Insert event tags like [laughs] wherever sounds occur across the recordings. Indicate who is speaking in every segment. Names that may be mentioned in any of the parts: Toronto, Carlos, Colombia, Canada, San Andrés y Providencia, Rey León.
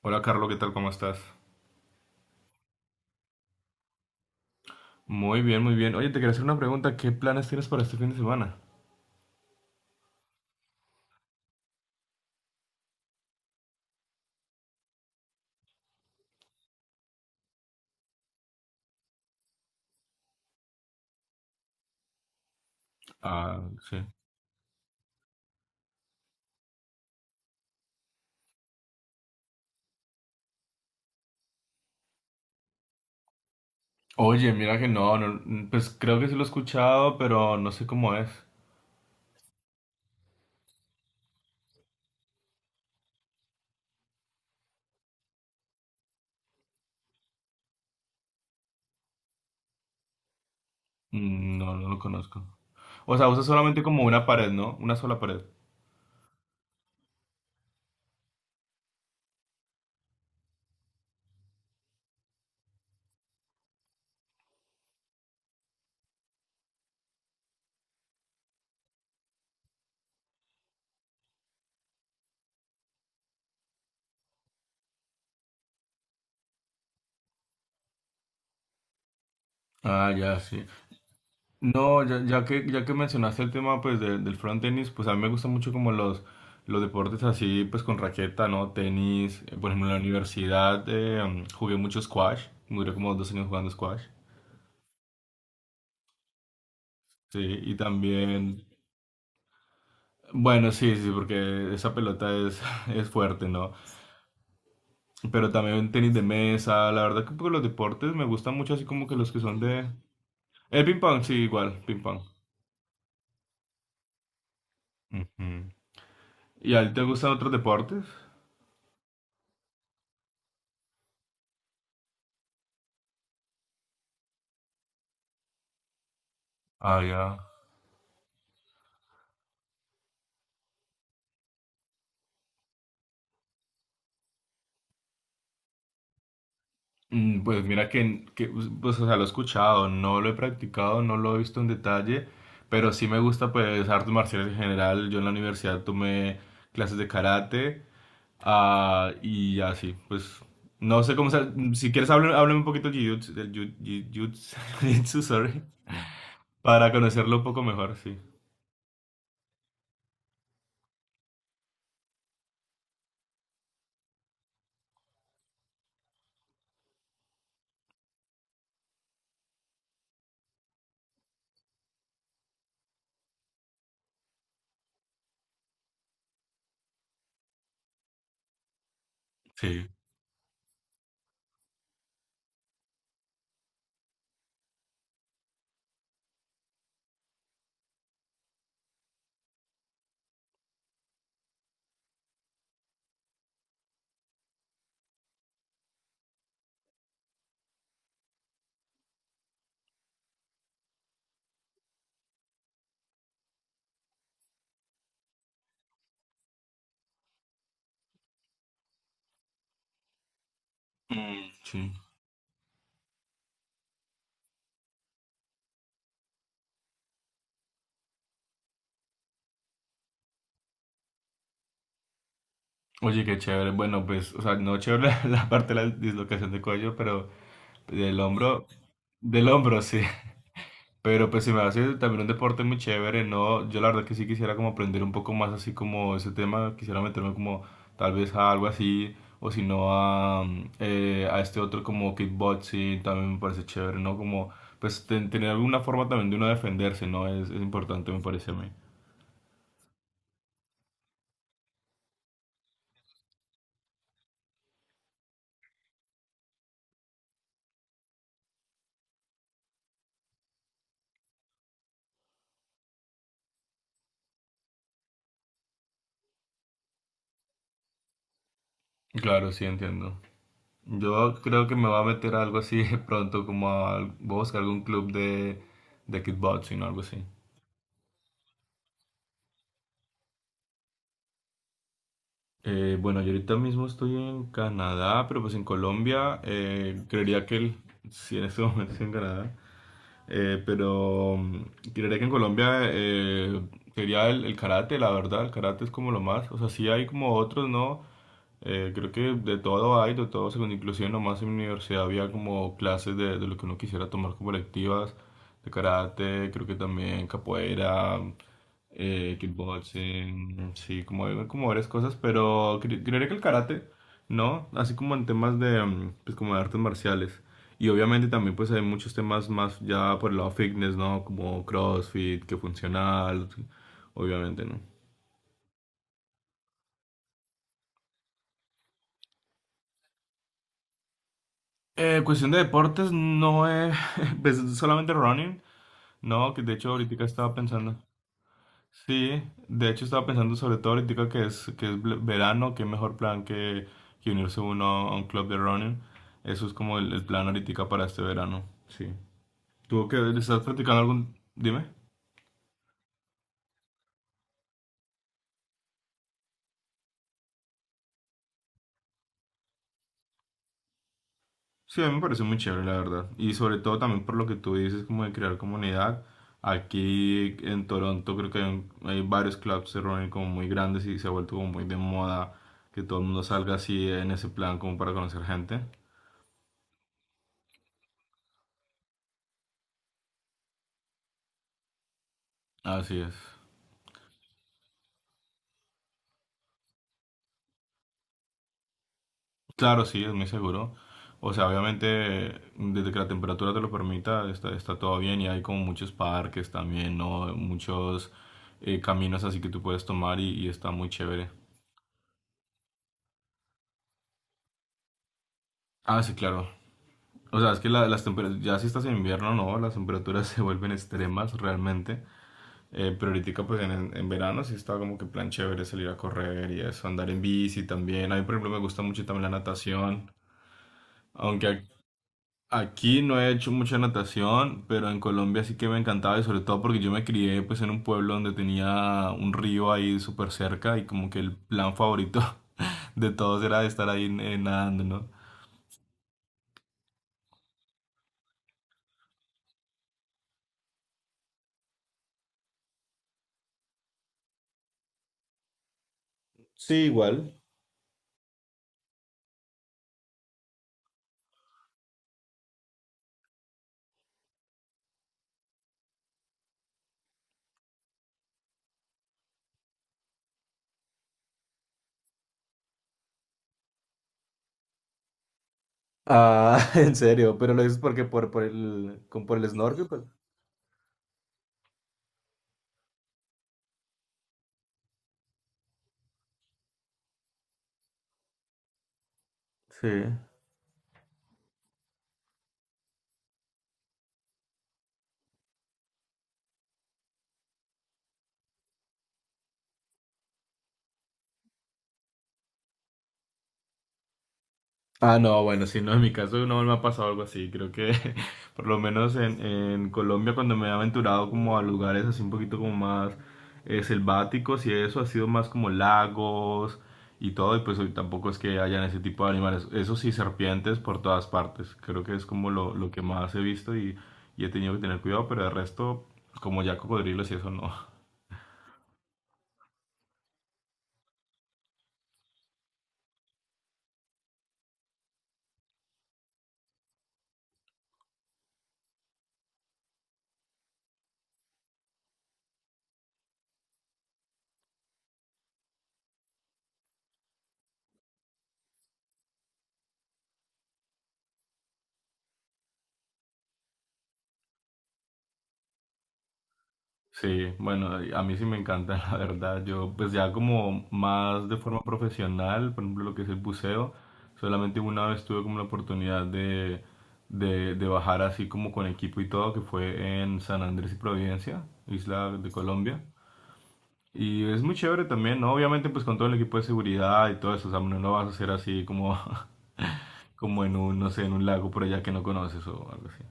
Speaker 1: Hola Carlos, ¿qué tal? ¿Cómo estás? Muy bien, muy bien. Oye, te quería hacer una pregunta. ¿Qué planes tienes para este fin de semana? Ah, sí. Oye, mira que no, no, pues creo que sí lo he escuchado, pero no sé cómo es. Mm. No, no lo conozco. O sea, usa solamente como una pared, ¿no? Una sola pared. Ah, ya, sí. No, ya, ya que mencionaste el tema pues del front tenis, pues a mí me gusta mucho como los deportes así pues con raqueta, ¿no? Tenis, por ejemplo en la universidad jugué mucho squash, duré como 2 años jugando squash. Sí, y también, bueno, sí, sí, porque esa pelota es, [laughs] es fuerte, ¿no? Pero también tenis de mesa, la verdad que pues, los deportes me gustan mucho, así como que los que son de... El ping pong, sí, igual, ping pong. Ujú. ¿Y a ti te gustan otros deportes? Ah, ya. Pues mira pues, o sea, lo he escuchado, no lo he practicado, no lo he visto en detalle, pero sí me gusta, pues, artes marciales en general. Yo en la universidad tomé clases de karate. Ah, y así, pues no sé cómo. Si quieres, háblame, háblame un poquito del [laughs] jiu-jitsu, sorry, para conocerlo un poco mejor, sí. Sí. Mm, sí. Oye, qué chévere. Bueno, pues, o sea, no chévere [laughs] la parte de la dislocación de cuello, pero del hombro, del hombro, sí. Pero pues se me hace también un deporte muy chévere, ¿no? Yo la verdad que sí quisiera como aprender un poco más así como ese tema, quisiera meterme como tal vez a algo así, o si no a, a este otro como kickboxing, también me parece chévere, ¿no? Como pues tener alguna forma también de uno defenderse, ¿no? Es importante, me parece a mí. Claro, sí, entiendo. Yo creo que me va a meter a algo así [laughs] pronto, como a, voy a buscar algún club de kickboxing o algo así. Bueno, yo ahorita mismo estoy en Canadá, pero pues en Colombia, creería que sí, en este momento estoy en Canadá. Eh, pero mm, Creería que en Colombia sería el karate, la verdad, el karate es como lo más, o sea, sí hay como otros, ¿no? Creo que de todo hay, de todo, según inclusive nomás en mi universidad había como clases de lo que uno quisiera tomar como electivas, de karate, creo que también capoeira, kickboxing, sí, como, como varias cosas, pero creería que el karate, ¿no? Así como en temas de, pues como de artes marciales. Y obviamente también pues hay muchos temas más ya por el lado fitness, ¿no? Como CrossFit, que funcional, obviamente, ¿no? Cuestión de deportes, no es [laughs] pues, solamente running, ¿no? Que de hecho ahorita estaba pensando. Sí, de hecho estaba pensando sobre todo ahorita que es, que es verano, qué mejor plan que unirse uno a un club de running. Eso es como el plan ahorita para este verano, sí. ¿Tú qué estás practicando algún... Dime. Sí, a mí me parece muy chévere, la verdad. Y sobre todo también por lo que tú dices, como de crear comunidad. Aquí en Toronto creo que hay, hay varios clubs se reúnen como muy grandes y se ha vuelto como muy de moda que todo el mundo salga así en ese plan como para conocer gente. Así es. Claro, sí, es muy seguro. O sea, obviamente, desde que la temperatura te lo permita, está, está todo bien y hay como muchos parques también, ¿no? Muchos caminos así que tú puedes tomar y está muy chévere. Ah, sí, claro. O sea, es que las temperaturas, ya si estás en invierno, no, las temperaturas [laughs] se vuelven extremas realmente. Pero ahorita, pues en verano sí está como que plan chévere salir a correr y eso, andar en bici también. A mí, por ejemplo, me gusta mucho también la natación. Aunque aquí no he hecho mucha natación, pero en Colombia sí que me encantaba y sobre todo porque yo me crié pues en un pueblo donde tenía un río ahí súper cerca y como que el plan favorito [laughs] de todos era estar ahí nadando, ¿no? Sí, igual. Ah, [laughs] en serio, pero lo dices porque por el snorkel. Pues. Sí. Ah, no, bueno, sí, no, en mi caso no me ha pasado algo así. Creo que [laughs] por lo menos en Colombia cuando me he aventurado como a lugares así un poquito como más selváticos y eso ha sido más como lagos y todo y pues hoy tampoco es que hayan ese tipo de animales. Eso sí, serpientes por todas partes. Creo que es como lo que más he visto y he tenido que tener cuidado, pero el resto como ya cocodrilos y eso no. Sí, bueno, a mí sí me encanta, [laughs] la verdad. Yo, pues ya como más de forma profesional, por ejemplo, lo que es el buceo, solamente una vez tuve como la oportunidad de bajar así como con equipo y todo, que fue en San Andrés y Providencia, isla de Colombia. Y es muy chévere también, ¿no? Obviamente pues con todo el equipo de seguridad y todo eso, o sea, no lo vas a hacer así como, [laughs] como en un, no sé, en un lago por allá que no conoces o algo así.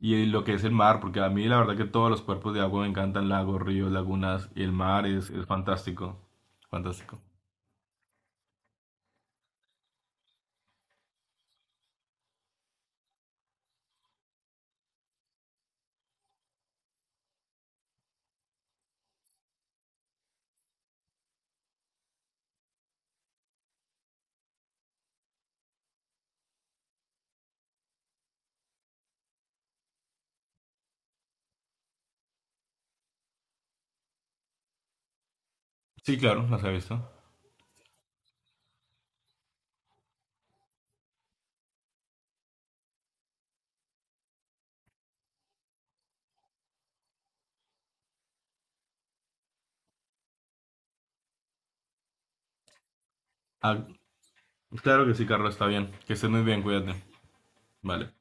Speaker 1: Y lo que es el mar, porque a mí la verdad que todos los cuerpos de agua me encantan, lagos, ríos, lagunas, y el mar es fantástico, fantástico. Sí, claro, las he visto. Ah, claro que sí, Carlos, está bien. Que estés muy bien, cuídate. Vale.